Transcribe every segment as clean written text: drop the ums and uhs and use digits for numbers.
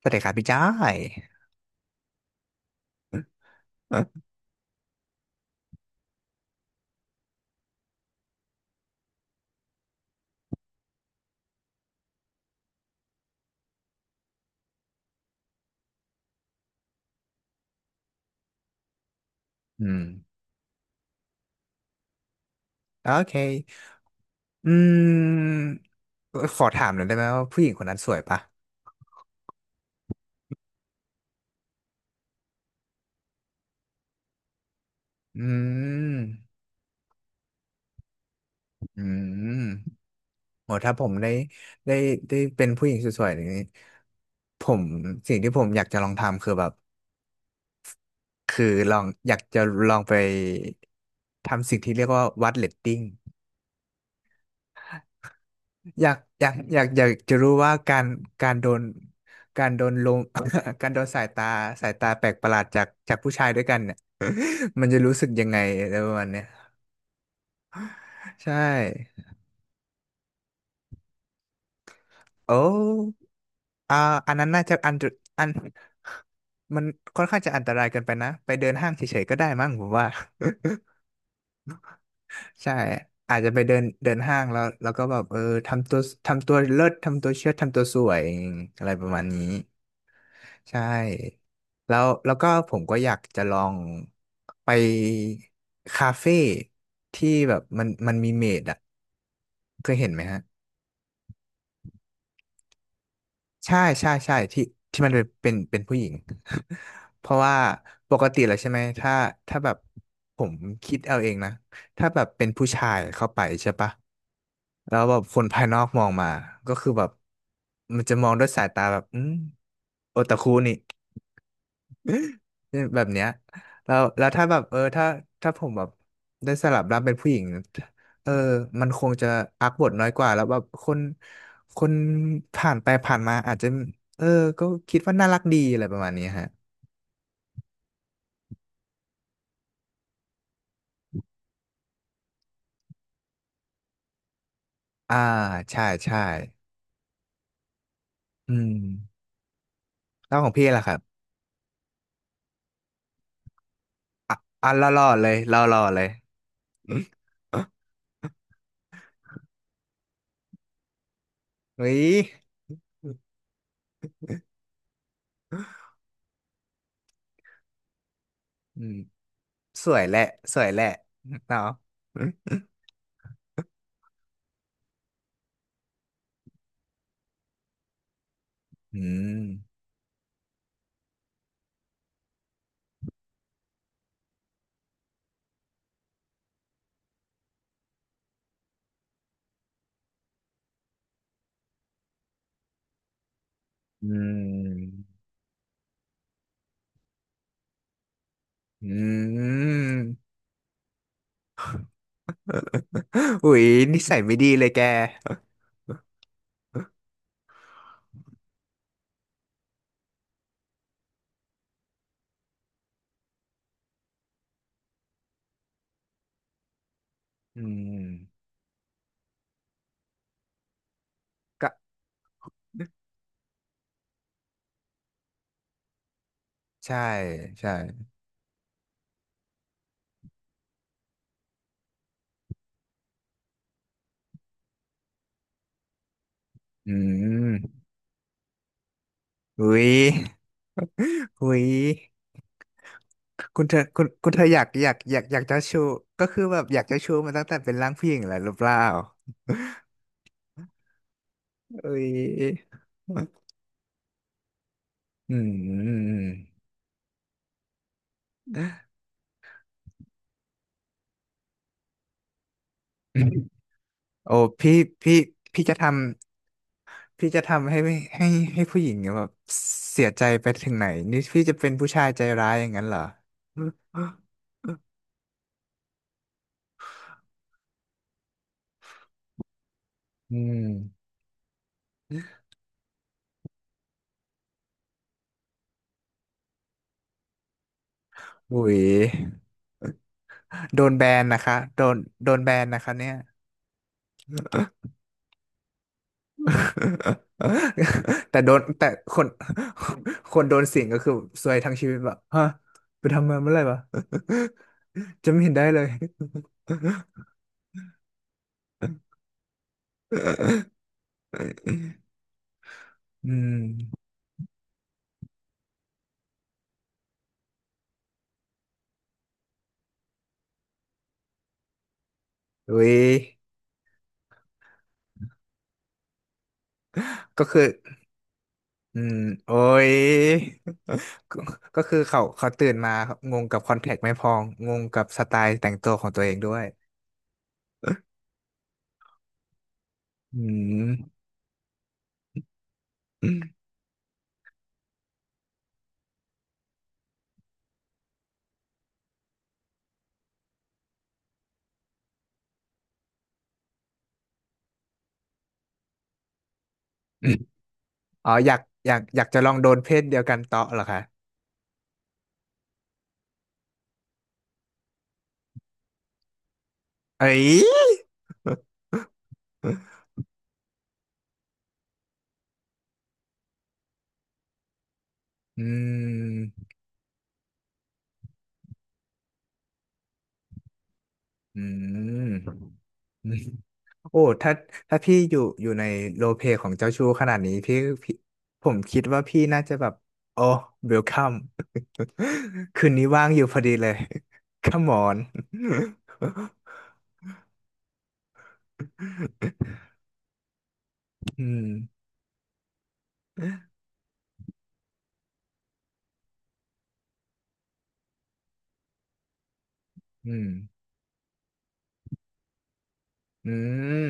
สวัสดีครับพี่จ้อยออืมโอเคอืมขอถามหน่อยได้ไหมว่าผู้หญิงคนนั้นสวยปะอืมอืมโหถ้าผมได้ได้เป็นผู้หญิงสวยๆอย่างนี้ผมสิ่งที่ผมอยากจะลองทำคือแบบคือลองอยากจะลองไปทำสิ่งที่เรียกว่าวัดเรตติ้ง อยากจะรู้ว่าการการโดนการโดนลม การโดนสายตาสายตาแปลกประหลาดจากผู้ชายด้วยกันเนี่ยมันจะรู้สึกยังไงอะไรประมาณเนี้ยใช่โอ้อ่าอันนั้นน่าจะอันตรอันมันค่อนข้างจะอันตรายเกินไปนะไปเดินห้างเฉยๆก็ได้มั้งผมว่า ใช่อาจจะไปเดินเดินห้างแล้วแล้วก็แบบทำตัวทำตัวเลิศทำตัวเชิดทำตัวสวยอะไรประมาณนี้ ใช่แล้วแล้วก็ผมก็อยากจะลองไปคาเฟ่ที่แบบมันมีเมดอ่ะเคยเห็นไหมฮะใช่ใช่ใช่ที่ที่มันเป็นผู้หญิง เพราะว่าปกติแล้วใช่ไหมถ้าแบบผมคิดเอาเองนะถ้าแบบเป็นผู้ชายเข้าไปใช่ปะแล้วแบบคนภายนอกมองมาก็คือแบบมันจะมองด้วยสายตาแบบอืมโอตาคุนี่ แบบเนี้ยแล้วแล้วถ้าแบบถ้าผมแบบได้สลับร่างเป็นผู้หญิงเออมันคงจะอักบทน้อยกว่าแล้วแบบคนคนผ่านไปผ่านมาอาจจะเออก็คิดว่าน่ารักดีอะไรประมาณนี้ฮะอ่าใช่ใช่อืมแล้วของพี่ล่ะครับอ่ะรอรอๆเลยรอรอเลยเฮ้ยอืมสวยแหละสวยแหละเนาะอืมอืมอืม อุ๊ยนิสัยไม่ดีเลยแกอืมก็ใช่ใช่อืมอุ๊ยอุ๊ยคุณเธอคุณเธออยากอยากจะชูก็คือแบบอยากจะชูมาตั้งแต่เป็นร่างผู้หญิงแล้วหรือเปล่า อุ๊ยอืมโอ้พี่พี่พี่จะทำพี่จะทำให้ให้ผู้หญิงแบบเสียใจไปถึงไหนนี่พี่จะเป็นผู้ชายใจร้ายอย่างนั้นเหรออืม อุ๋ยโดนแบนนะคะโดนแบนนะคะเนี่ย แต่โดนแต่คนคนโดนสิงก็คือซวยทั้งชีวิตแบบฮะไปทำมาเมื่อไหร่วะ จะไม่เห็นได้เลย อืมอุ้ยก็คืออืมโอ้ย ก็ก็คือเขาตื่นมาครับงงกับคอนแทคไม่พองงงกับสไตล์แต่งตัวของตัวเองด้วยอืม อ๋ออยากอยากจะลองโดนเพศเดียวกันเตาะเหรอคะเอ้ยอืมอืมอืมโอ้ถ้าพี่อยู่ในโรลเพลย์ของเจ้าชู้ขนาดนี้พี่พี่ผมคิดว่าพี่น่าจะแบบโอ้เวลคัม คืนนี้ว่างอยู่พอดีเลย Come on อืมอืมอืม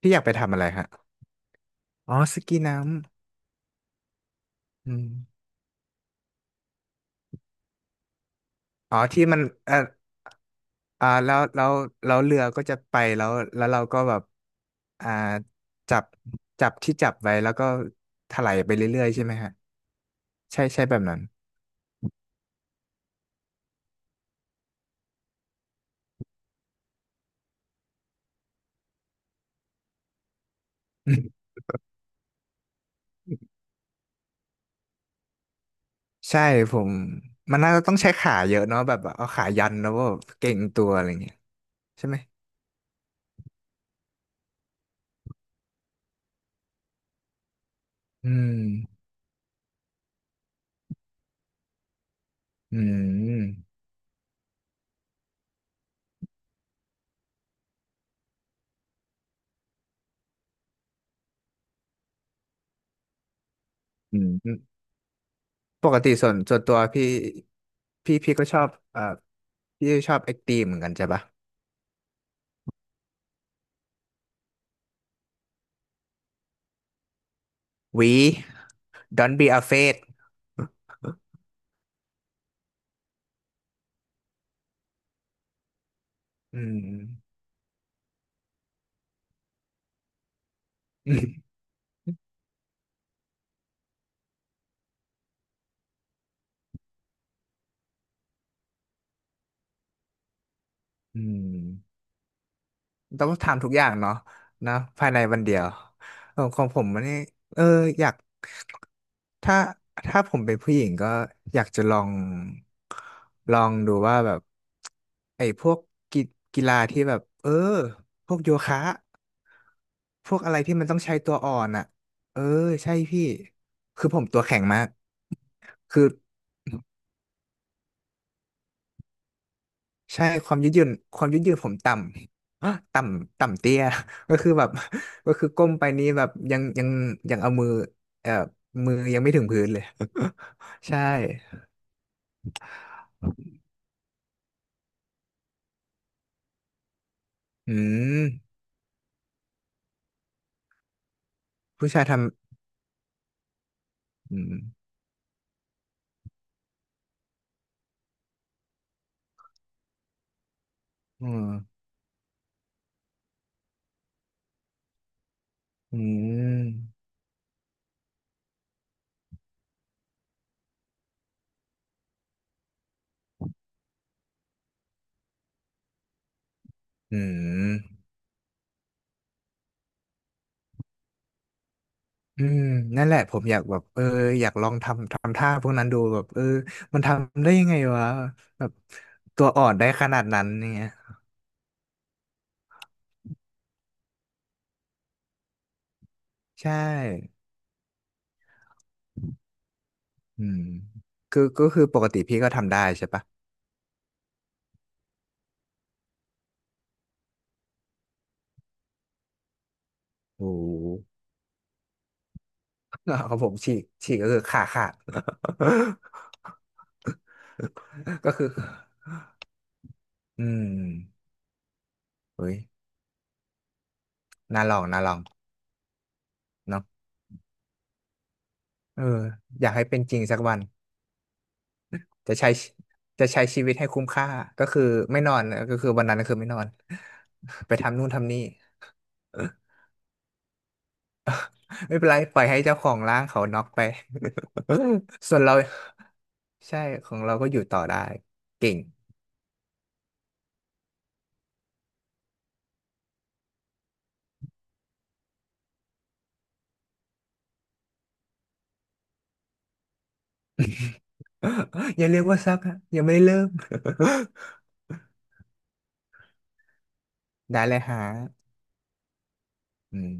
พี่อยากไปทำอะไรฮะอ๋อสกีน้ำอืมอ๋อที่มันเอ่อ อ่าแล้วแล้วแล้วเรือก็จะไปแล้วแล้วเราก็แบบอ่าจับที่จับไว้แล้วก็ถลายไปเรื่อยๆใช่ไหมฮะใช่ใช่แบบนั้น ใช่ผมมันน่าจะต้องใช้ขาเยอะเนาะแบบเอาขายันแล้วก็เก่งตัวอะไรเงี้ยใช่ไหมอืมอืมอืมปกติส่วนตัวพี่พี่ก็ชอบพี่ชอบเอ็กตีเหมือนกันใช่ปะ We don't be afraid อืม อืม ต้องทำทุกอย่างเนาะนะภายในวันเดียวเออของผมมันนี่เอออยากถ้าผมเป็นผู้หญิงก็อยากจะลองลองดูว่าแบบไอ้พวกกีฬาที่แบบพวกโยคะพวกอะไรที่มันต้องใช้ตัวอ่อนอ่ะเออใช่พี่คือผมตัวแข็งมากคือ ใช่ความยืดหยุ่นความยืดหยุ่นผมต่ำ ฮะต่ำต่ำเตี้ย ก็คือแบบ ก็คือก้มไปนี้แบบยังเอามือเอ่อมือยังไม่ถึงพื้นเลย ใช่อืมผู้ชายทำอืมอืมอืมอืมอืมนั่นแหละผมอยากแบบเอออยากลองทำท่าพวกนั้นดูแบบเออมันทำได้ยังไงวะแบบตัวอ่อนได้ขนาดนั้นเนี่ยใช่ อืมคือก็คือปกติพี่ก็ทำได้ใช่ปะโอ้โห ของผมฉีกก็คือขาขาด ก็คืออืมเฮ้ยน่าลองน่าลองเนาะเอออยากให้เป็นจริงสักวันจะใช้ชีวิตให้คุ้มค่าก็คือไม่นอนก็คือวันนั้นก็คือไม่นอน ไปทำนู่นทำนี่ ไม่เป็นไรปล่อยให้เจ้าของร้างเขาน็อกไป ส่วนเราใช่ของเราก็อยู่ต่อได้เก่ง อย่าเรียกว่าซักฮะยังไม่ไเริ่ม ได้เลยฮะอืม